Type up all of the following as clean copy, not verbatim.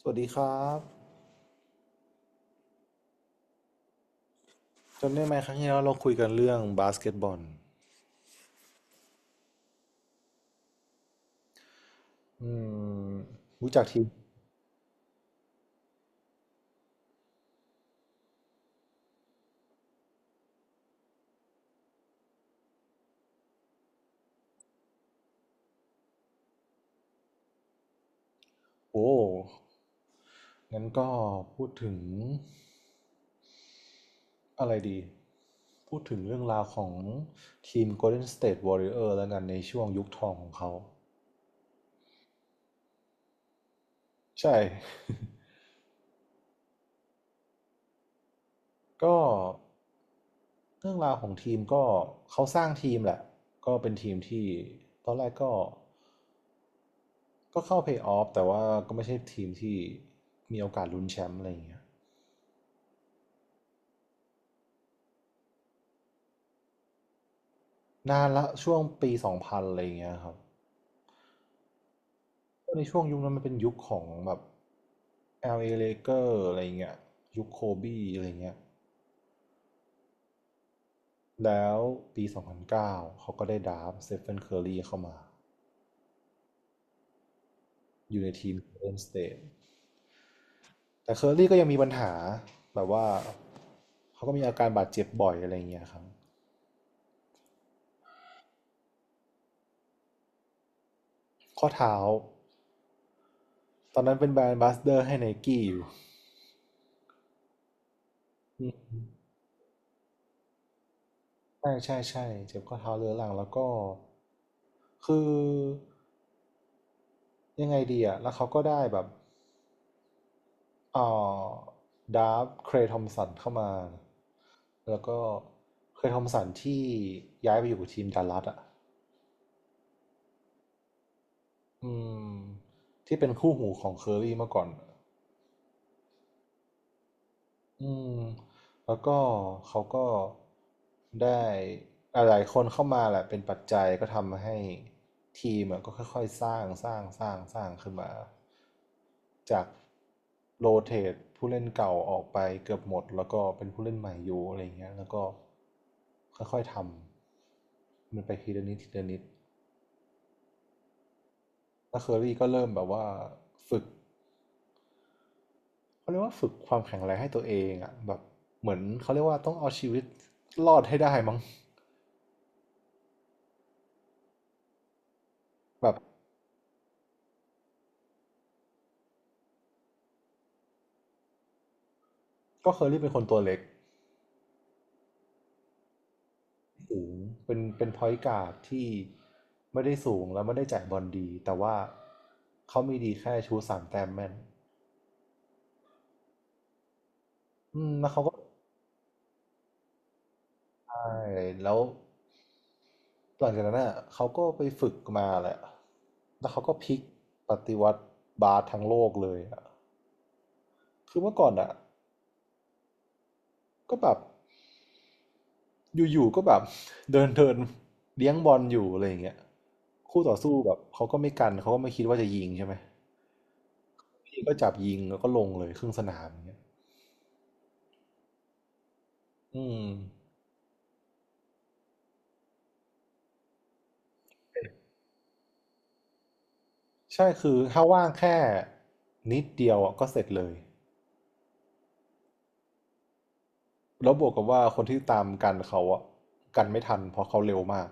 สวัสดีครับจำได้ไหมครั้งที่แล้วเราคุยกันเรื่องบาสเกตบอลอืมรู้จักทีมโอ้งั้นก็พูดถึงอะไรดีพูดถึงเรื่องราวของทีม Golden State Warrior แล้วกันในช่วงยุคทองของเขาใช่ก็เรื่องราวของทีมก็เขาสร้างทีมแหละก็เป็นทีมที่ตอนแรกก็ก็เข้าเพลย์ออฟแต่ว่าก็ไม่ใช่ทีมที่มีโอกาสลุ้นแชมป์อะไรอย่างเงี้ยนานละช่วงปีสองพันอะไรอย่างเงี้ยครับ ในช่วงยุคนั้นมันเป็นยุคของแบบ LA Laker อ Lakers อะไรเงี้ยยุคโคบีอะไรเงี้ยแล้วปี2009เก้าเขาก็ได้ดราฟต์สเตฟานเคอร์รีเข้ามาอยู่ในทีมเอ n นสเต e แต่เคอร์รีก็ยังมีปัญหาแบบว่าเขาก็มีอาการบาดเจ็บบ่อยอะไรเงี้ยครับข้อเท้าตอนนั้นเป็นแบรนด์บัสเดอร์ให้ไนกี้อยู่อืมใช่ใช่ใช่เจ็บข้อเท้าเรื้อรังแล้วก็คือยังไงดีอะแล้วเขาก็ได้แบบ อ่อดาร์ฟเครย์ทอมสันเข้ามาแล้วก็เครย์ทอมสันที่ย้ายไปอยู่กับทีมดัลลัสอ่ะอืมที่เป็นคู่หูของเคอรรี่เมื่อก่อนอะ อืมแล้วก็เขาก็ได้หลายๆคนเข้ามาแหละเป็นปัจจัยก็ทำให้ทีมอะก็ค่อยๆสร้างสร้างสร้างสร้างขึ้นมาจากโรเตทผู้เล่นเก่าออกไปเกือบหมดแล้วก็เป็นผู้เล่นใหม่อยู่อะไรอย่างเงี้ยแล้วก็ค่อยๆทำมันไปทีละนิดทีละนิดแล้วเคอรี่ก็เริ่มแบบว่าฝึกเขาเรียกว่าฝึกความแข็งแรงให้ตัวเองอะแบบเหมือนเขาเรียกว่าต้องเอาชีวิตรอดให้ได้มั้ง แบบก็เคอรรี่เป็นคนตัวเล็กสูงเป็นเป็นพอยต์การ์ดที่ไม่ได้สูงแล้วไม่ได้จ่ายบอลดีแต่ว่าเขามีดีแค่ชูสามแต้มแม่นอืมแล้วเขาก็ได้แล้วหลังจากนั้นอ่ะเขาก็ไปฝึกมาแหละแล้วเขาก็พลิกปฏิวัติบาสทั้งโลกเลยอ่ะคือเมื่อก่อนอ่ะ ก็แบบอยู่ๆก็แบบ เดินเดินเลี้ยงบอลอยู่อะไรอย่างเงี้ยคู่ต่อสู้แบบเขาก็ไม่กันเขาก็ไม่คิดว่าจะยิงใช่ไหมพี่ก็จับยิงแล้วก็ลงเลยครึ่งสนามอย่างเงี้ยอืมใช่คือถ้าว่างแค่นิดเดียวอ่ะก็เสร็จเลยแล้วบวกกับว่าคนที่ตามกันเขาอ่ะกันไม่ทันเพราะเขาเร็วมาก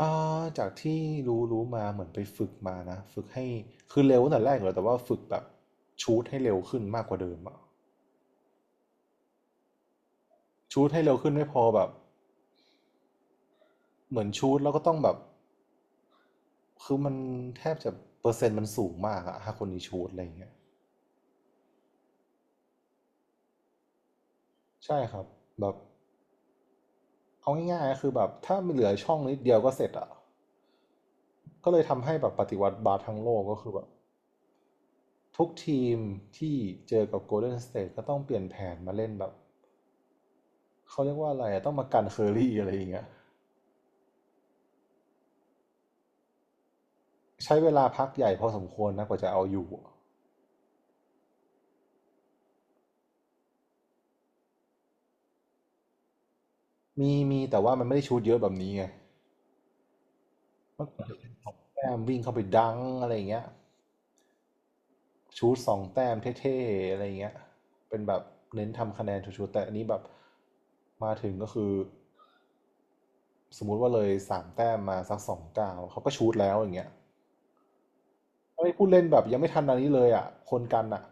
อ่าจากที่รู้รู้มาเหมือนไปฝึกมานะฝึกให้คือเร็วตั้งแต่แรกอยู่แล้วแต่ว่าฝึกแบบชูตให้เร็วขึ้นมากกว่าเดิมอะชูตให้เร็วขึ้นไม่พอแบบเหมือนชูตแล้วก็ต้องแบบคือมันแทบจะเปอร์เซ็นต์มันสูงมากอะถ้าคนนี้ชูตอะไรอย่างเงี้ยใช่ครับแบบเอาง่ายๆก็คือแบบถ้ามันเหลือช่องนิดเดียวก็เสร็จอะก็เลยทำให้แบบปฏิวัติบาสทั้งโลกก็คือแบบทุกทีมที่เจอกับโกลเด้นสเตทก็ต้องเปลี่ยนแผนมาเล่นแบบเขาเรียกว่าอะไรอะต้องมากันเคอรี่อะไรอย่างเงี้ย ใช้เวลาพักใหญ่พอสมควรนะกว่าจะเอาอยู่มีมีแต่ว่ามันไม่ได้ชูตเยอะแบบนี้ไงมันแต้มวิ่งเข้าไปดังอะไรอย่างเงี้ยชูตสองแต้มเท่ๆอะไรอย่างเงี้ยเป็นแบบเน้นทำคะแนนชูตๆแต่อันนี้แบบมาถึงก็คือสมมุติว่าเลยสามแต้มมาสักสองเก้าวเขาก็ชูตแล้วอย่างเงี้ยไม่พูดเล่นแบบยังไม่ทันอันนี้เลยอ่ะคนกันอ่ะ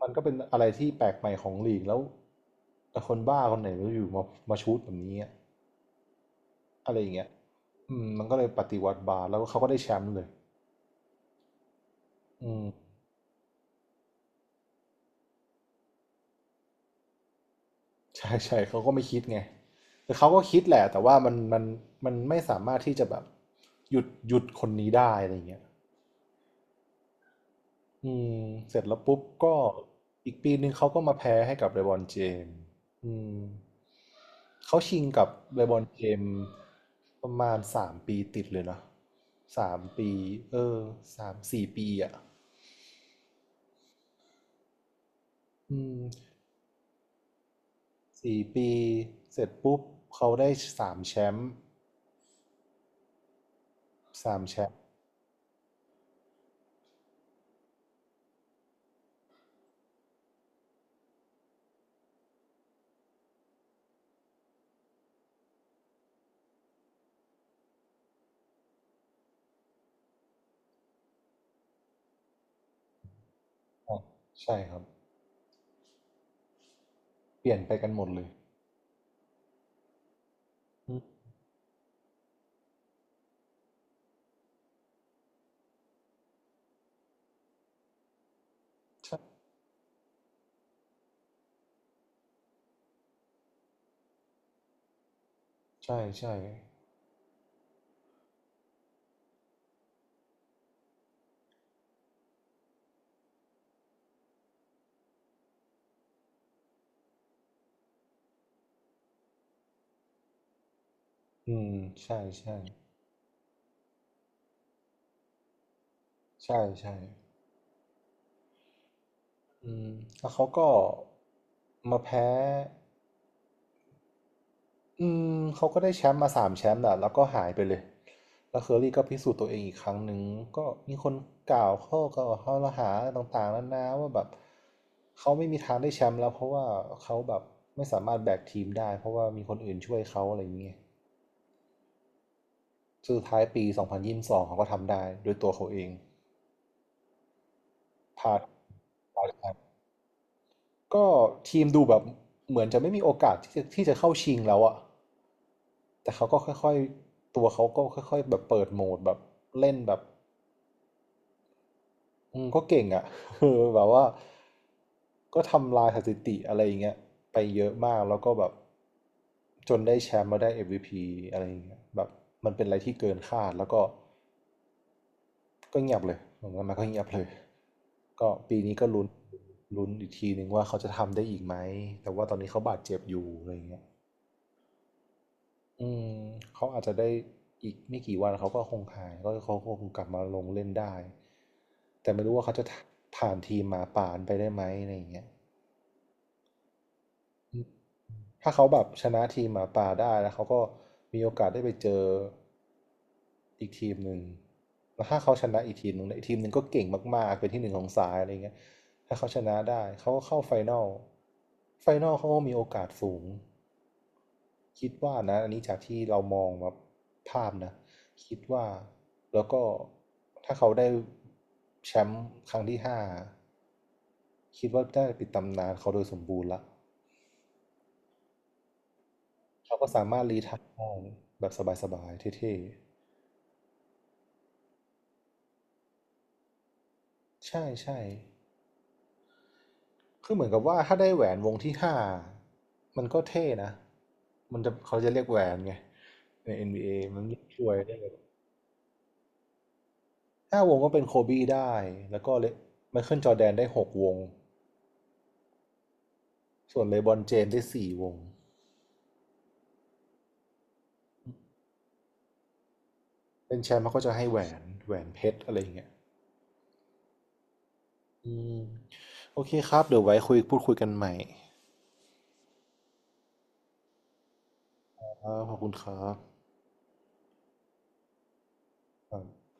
มันก็เป็นอะไรที่แปลกใหม่ของลีกแล้วแต่คนบ้าคนไหนไม่รู้อยู่มามาชูตแบบนี้อะ อะไรอย่างเงี้ยอืมมันก็เลยปฏิวัติบาสแล้วเขาก็ได้แชมป์เลยอืม ใช่ใช่เขาก็ไม่คิดไง แต่เขาก็คิดแหละแต่ว่ามันมันไม่สามารถที่จะแบบหยุดหยุดคนนี้ได้อะไรอย่างเงี้ยอืมเสร็จแล้วปุ๊บก็อีกปีนึงเขาก็มาแพ้ให้กับเลบรอนเจมส์อืมเขาชิงกับเลบรอนเจมส์ประมาณสามปีติดเลยเนอะสามปีเออสามสี่ปีอ่ะอืม สี่ปีเสร็จปุ๊บเขาได้สามแชมป์สามแชมป์อ่ะใช่ครับเปลี่ยนไปกันหมดเลยอืมใช่ใช่ใช่อืมใช่ใช่ใช่ใช่อืมแล้วเขาก็มาแพ้ อืมเขาก็ได้แชมป์มาสามแชมป์แหละแล้วก็หายไปเลยแล้วเคอรี่ก็พิสูจน์ตัวเองอีกครั้งหนึ่งก็มีคนกล่าวข้อหาต่างๆนานาว่าแบบเขาไม่มีทางได้แชมป์แล้วเพราะว่าเขาแบบไม่สามารถแบกทีมได้เพราะว่ามีคนอื่นช่วยเขาอะไรอย่างเงี้ยสุดท้ายปี2022เขาก็ทำได้ด้วยตัวเขาเองพาดพาดไก็ทีมดูแบบเหมือนจะไม่มีโอกาสที่จะเข้าชิงแล้วอะแต่เขาก็ค่อยๆตัวเขาก็ค่อยๆแบบเปิดโหมดแบบเล่นแบบอืมก็เก่งอะ เออแบบว่าก็ทำลายสถิติอะไรอย่างเงี้ยไปเยอะมากแล้วก็แบบจนได้แชมป์มาได้เอ็มวีพีอะไรอย่างเงี้ยแบบมันเป็นอะไรที่เกินคาดแล้วก็เงียบเลยผมว่ามันก็เงียบเลยก็ปีนี้ก็ลุ้นอีกทีหนึ่งว่าเขาจะทำได้อีกไหมแต่ว่าตอนนี้เขาบาดเจ็บอยู่อะไรอย่างเงี้ย อืมเขาอาจจะได้อีกไม่กี่วันเขาก็คงหายก็เขาคงกลับมาลงเล่นได้แต่ไม่รู้ว่าเขาจะผ่านทีมหมาป่านไปได้ไหมอะไรอย่างเงี้ยอื ถ้าเขาแบบชนะทีมหมาป่าได้แล้วเขาก็มีโอกาสได้ไปเจออีกทีมหนึ่งแล้วถ้าเขาชนะอีกทีมหนึ่งเนี่ยอีกทีมหนึ่งก็เก่งมากๆเป็นที่หนึ่งของสายอะไรเงี้ยถ้าเขาชนะได้เขาก็เข้าไฟนอลไฟนอลเขาก็มีโอกาสสูงคิดว่านะอันนี้จากที่เรามองแบบภาพนะคิดว่าแล้วก็ถ้าเขาได้แชมป์ครั้งที่ห้าคิดว่าได้ปิดตำนานเขาโดยสมบูรณ์ละ เราก็สามารถรีไทัชได้แบบสบายๆเท่ๆใช่ใช่คือเหมือนกับว่าถ้าได้แหวนวงที่ห้ามันก็เท่นะมันจะเขาจะเรียกแหวนไงใน NBA มันช่วยได้แบบห้าวงก็เป็นโคบี้ได้แล้วก็เลไมเคิลจอร์แดนได้หกวงส่วนเลบรอนเจมส์ได้สี่วงเป็นแชมป์เขาก็จะให้แหวนแหวนเพชรอะไรอย่างเงี้ยอืมโอเคครับเดี๋ยวไว้พูดคุยกันใหม่ครับขอบคุณครับ